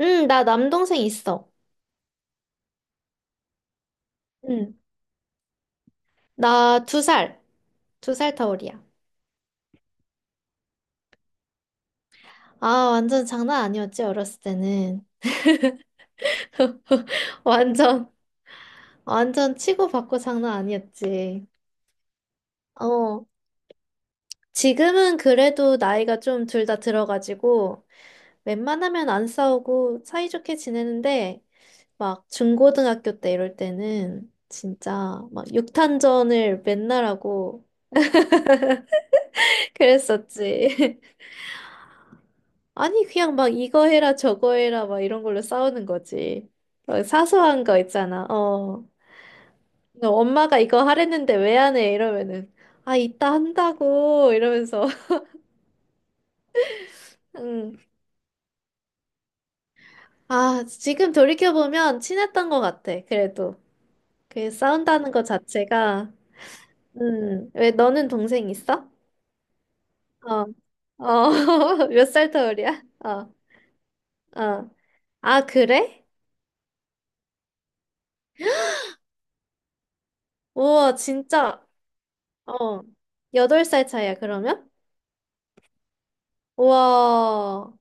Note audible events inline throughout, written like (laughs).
응, 나 남동생 있어. 응, 나 두 살, 두 살 터울이야. 아, 완전 장난 아니었지, 어렸을 때는. (laughs) 완전, 완전 치고받고 장난 아니었지. 어, 지금은 그래도 나이가 좀 둘 다 들어가지고, 웬만하면 안 싸우고 사이좋게 지내는데, 막 중고등학교 때 이럴 때는 진짜 막 육탄전을 맨날 하고 (laughs) 그랬었지. 아니, 그냥 막 이거 해라, 저거 해라, 막 이런 걸로 싸우는 거지. 어, 사소한 거 있잖아. 어, 너 엄마가 이거 하랬는데 왜 안 해? 이러면은, 아, 이따 한다고, 이러면서. (laughs) 응. 아, 지금 돌이켜보면 친했던 것 같아, 그래도. 그 싸운다는 것 자체가. 왜 너는 동생 있어? 어, 어, (laughs) 몇 살 터울이야? 어, 어. 아, 그래? 우와, 진짜. 어, 여덟 살 차이야, 그러면? 와.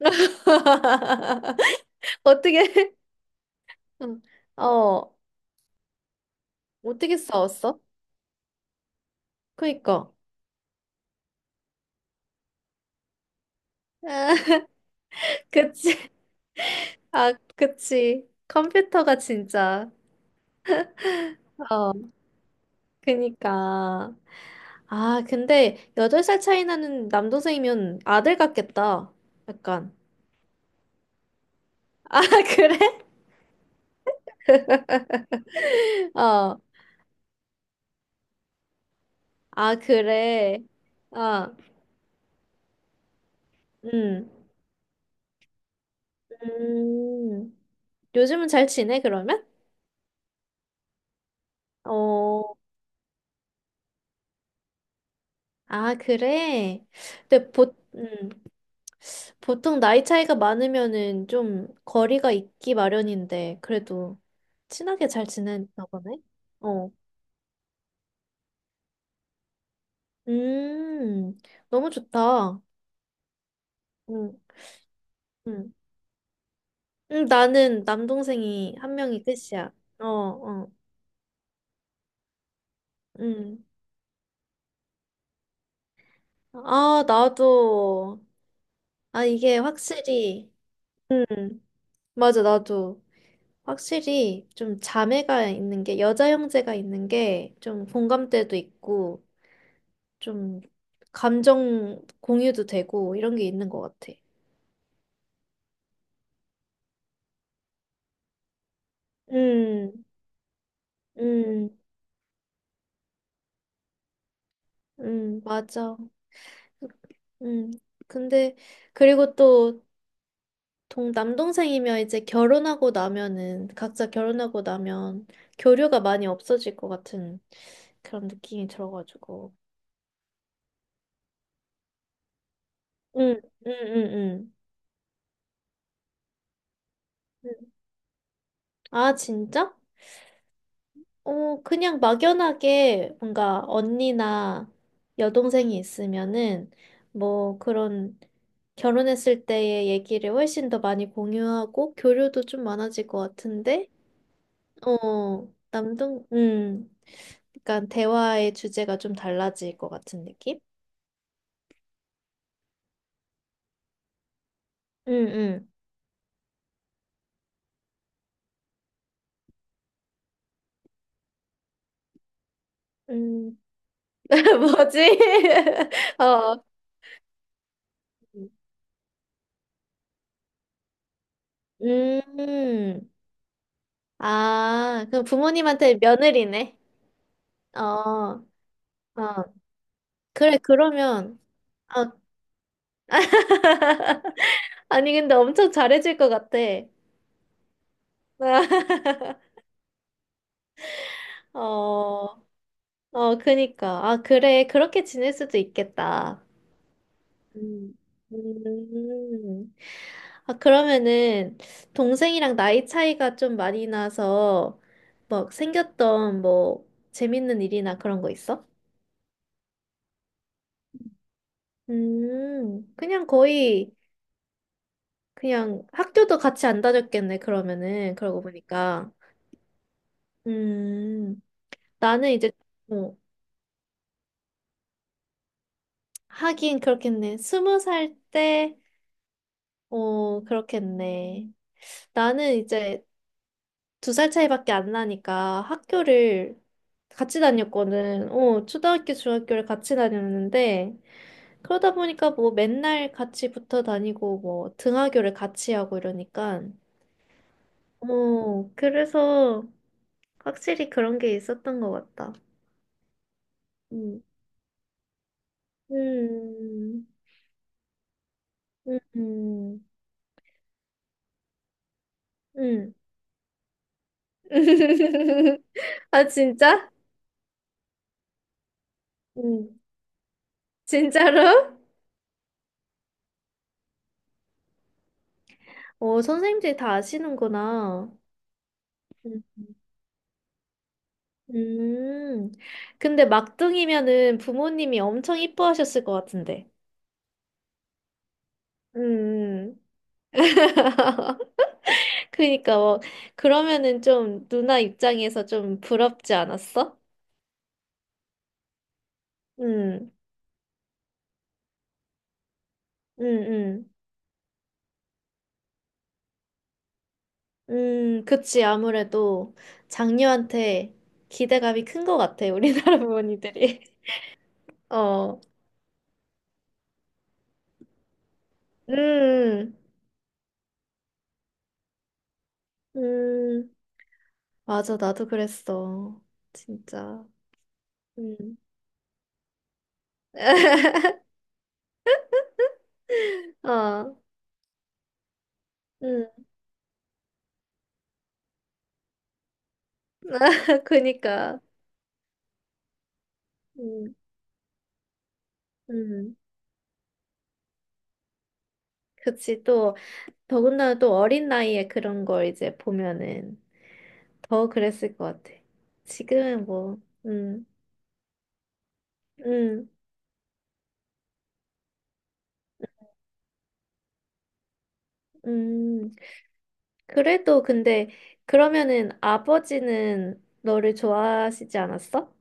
(laughs) 어떻게, (laughs) 응. 어, 어떻게 싸웠어? 그니까. (laughs) 그치. 아, 그치. 컴퓨터가 진짜. 어, 그니까. 아, 근데 여덟 살 차이 나는 남동생이면 아들 같겠다. 약간. 아, (laughs) 그래? 어. 아, 그래. 아, 음. 음. 요즘은 잘 지내, 그러면? 어. 아, 그래? 근데 보, 보통 나이 차이가 많으면은 좀 거리가 있기 마련인데, 그래도 친하게 잘 지냈나 보네? 어. 음, 너무 좋다. 응, 응. 응, 나는 남동생이 한 명이 끝이야. 어, 어, 응. 아, 나도. 아, 이게 확실히. 응, 맞아, 나도. 확실히 좀 자매가 있는 게, 여자 형제가 있는 게 좀 공감대도 있고, 좀 감정 공유도 되고, 이런 게 있는 것 같아. 음, 음, 맞아. 음, 근데, 그리고 또, 동, 남동생이면 이제 결혼하고 나면은, 각자 결혼하고 나면 교류가 많이 없어질 것 같은 그런 느낌이 들어가지고. 응, 응, 응, 응. 응. 아, 진짜? 어, 그냥 막연하게 뭔가 언니나 여동생이 있으면은 뭐 그런 결혼했을 때의 얘기를 훨씬 더 많이 공유하고 교류도 좀 많아질 것 같은데, 어, 남동, 그러니까 대화의 주제가 좀 달라질 것 같은 느낌? 응응 음, (laughs) 뭐지? (laughs) 어, 음, 아, 그럼 부모님한테 며느리네. 어, 어. 그래, 그러면. 아. (laughs) 아니, 근데 엄청 잘해줄 것 같아. (laughs) 어, 어, 그니까. 아, 그래. 그렇게 지낼 수도 있겠다. 음. 음. 아, 그러면은, 동생이랑 나이 차이가 좀 많이 나서, 막 생겼던 뭐, 재밌는 일이나 그런 거 있어? 그냥 거의, 그냥 학교도 같이 안 다녔겠네, 그러면은. 그러고 보니까. 음, 나는 이제, 어, 하긴 그렇겠네. 스무 살 때, 어, 그렇겠네. 나는 이제 두 살 차이밖에 안 나니까 학교를 같이 다녔거든. 어, 초등학교, 중학교를 같이 다녔는데, 그러다 보니까 뭐 맨날 같이 붙어 다니고, 뭐 등하교를 같이 하고 이러니까, 어, 그래서 확실히 그런 게 있었던 것 같다. 음, 음, 음, 음. 음. (laughs) 아, 진짜? 음. 진짜로? 어 선생님들이 다 아시는구나. 음. 음, 근데 막둥이면은 부모님이 엄청 이뻐하셨을 것 같은데. 음, 그러니까 뭐, 그러면은 좀 누나 입장에서 좀 부럽지 않았어? 음, 음, 음, 그치. 아무래도 장녀한테 기대감이 큰 것 같아, 우리나라 부모님들이. (laughs) 어, 음, 음, 맞아. 나도 그랬어. 진짜. 음. (laughs) 어, 음, (laughs) 그니까, 음, 음, 그치, 또, 더군다나 또 어린 나이에 그런 걸 이제 보면은 더 그랬을 것 같아. 지금은 뭐, 음, 음, 음, 그래도 근데, 그러면은 아버지는 너를 좋아하시지 않았어?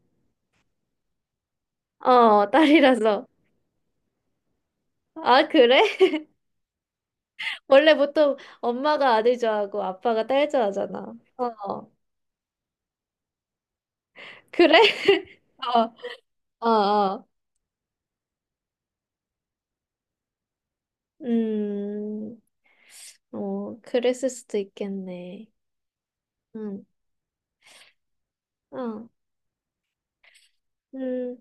어, (laughs) 딸이라서. 아, 그래? (laughs) 원래 보통 엄마가 아들 좋아하고 아빠가 딸 좋아하잖아. 어, 그래? (laughs) 어, 어, 어. 음, 어, 그랬을 수도 있겠네. 응, 어, 음,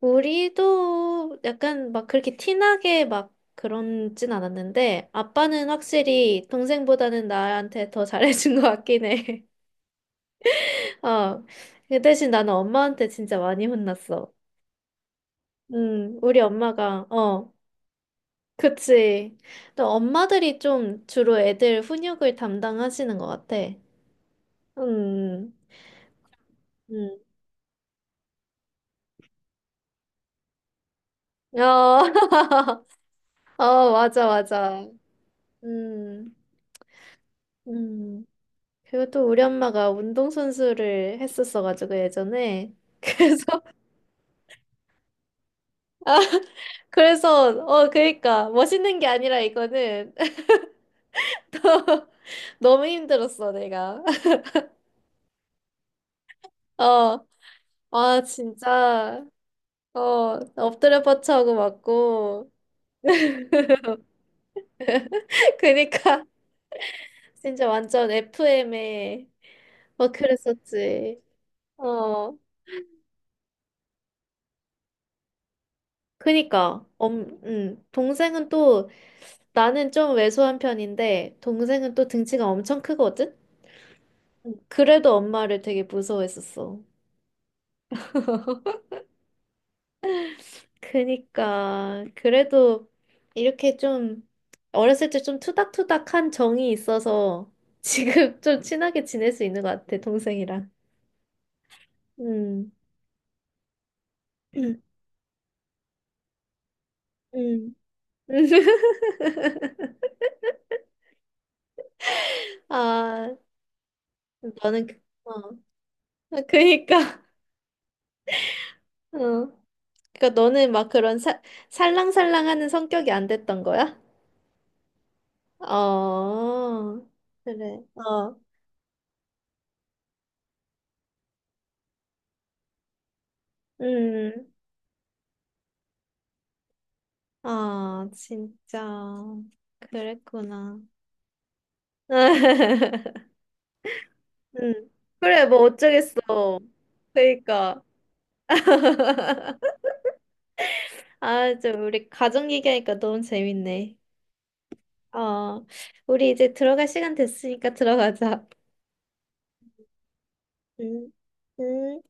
우리도 약간 막 그렇게 티나게 막 그런진 않았는데, 아빠는 확실히 동생보다는 나한테 더 잘해준 것 같긴 해. (laughs) 어, 그 대신 나는 엄마한테 진짜 많이 혼났어. 우리 엄마가, 어, 그치. 또 엄마들이 좀 주로 애들 훈육을 담당하시는 것 같아. 음, 음. 어. (laughs) 어, 맞아, 맞아. 음, 음. 그리고 또 우리 엄마가 운동선수를 했었어가지고, 예전에. 그래서, (laughs) 아, 그래서, 어, 그니까, 멋있는 게 아니라 이거는 (laughs) 너무 힘들었어, 내가. (laughs) 어, 아, 진짜, 어, 엎드려 뻗쳐하고 맞고. (laughs) 그니까, 진짜 완전 FM에, 막 그랬었지. 어, 그니까, 엄, 동생은 또 나는 좀 왜소한 편인데 동생은 또 등치가 엄청 크거든? 그래도 엄마를 되게 무서워했었어. 그니까 그래도 이렇게 좀 어렸을 때 좀 투닥투닥한 정이 있어서 지금 (laughs) 좀 친하게 지낼 수 있는 것 같아, 동생이랑. 음. 음. 음. (laughs) 아, 너는 그- 어. 아, 그니까 (laughs) 어. 그니까 너는 막 그런 살 살랑살랑하는 성격이 안 됐던 거야? 어, 그래. 어, 음. 아, 진짜. 그랬구나. (laughs) 음. 그래, 뭐 어쩌겠어. 그러니까. (laughs) 아, 좀 우리 가족 얘기하니까 너무 재밌네. 어, 우리 이제 들어갈 시간 됐으니까 들어가자. 음, 음.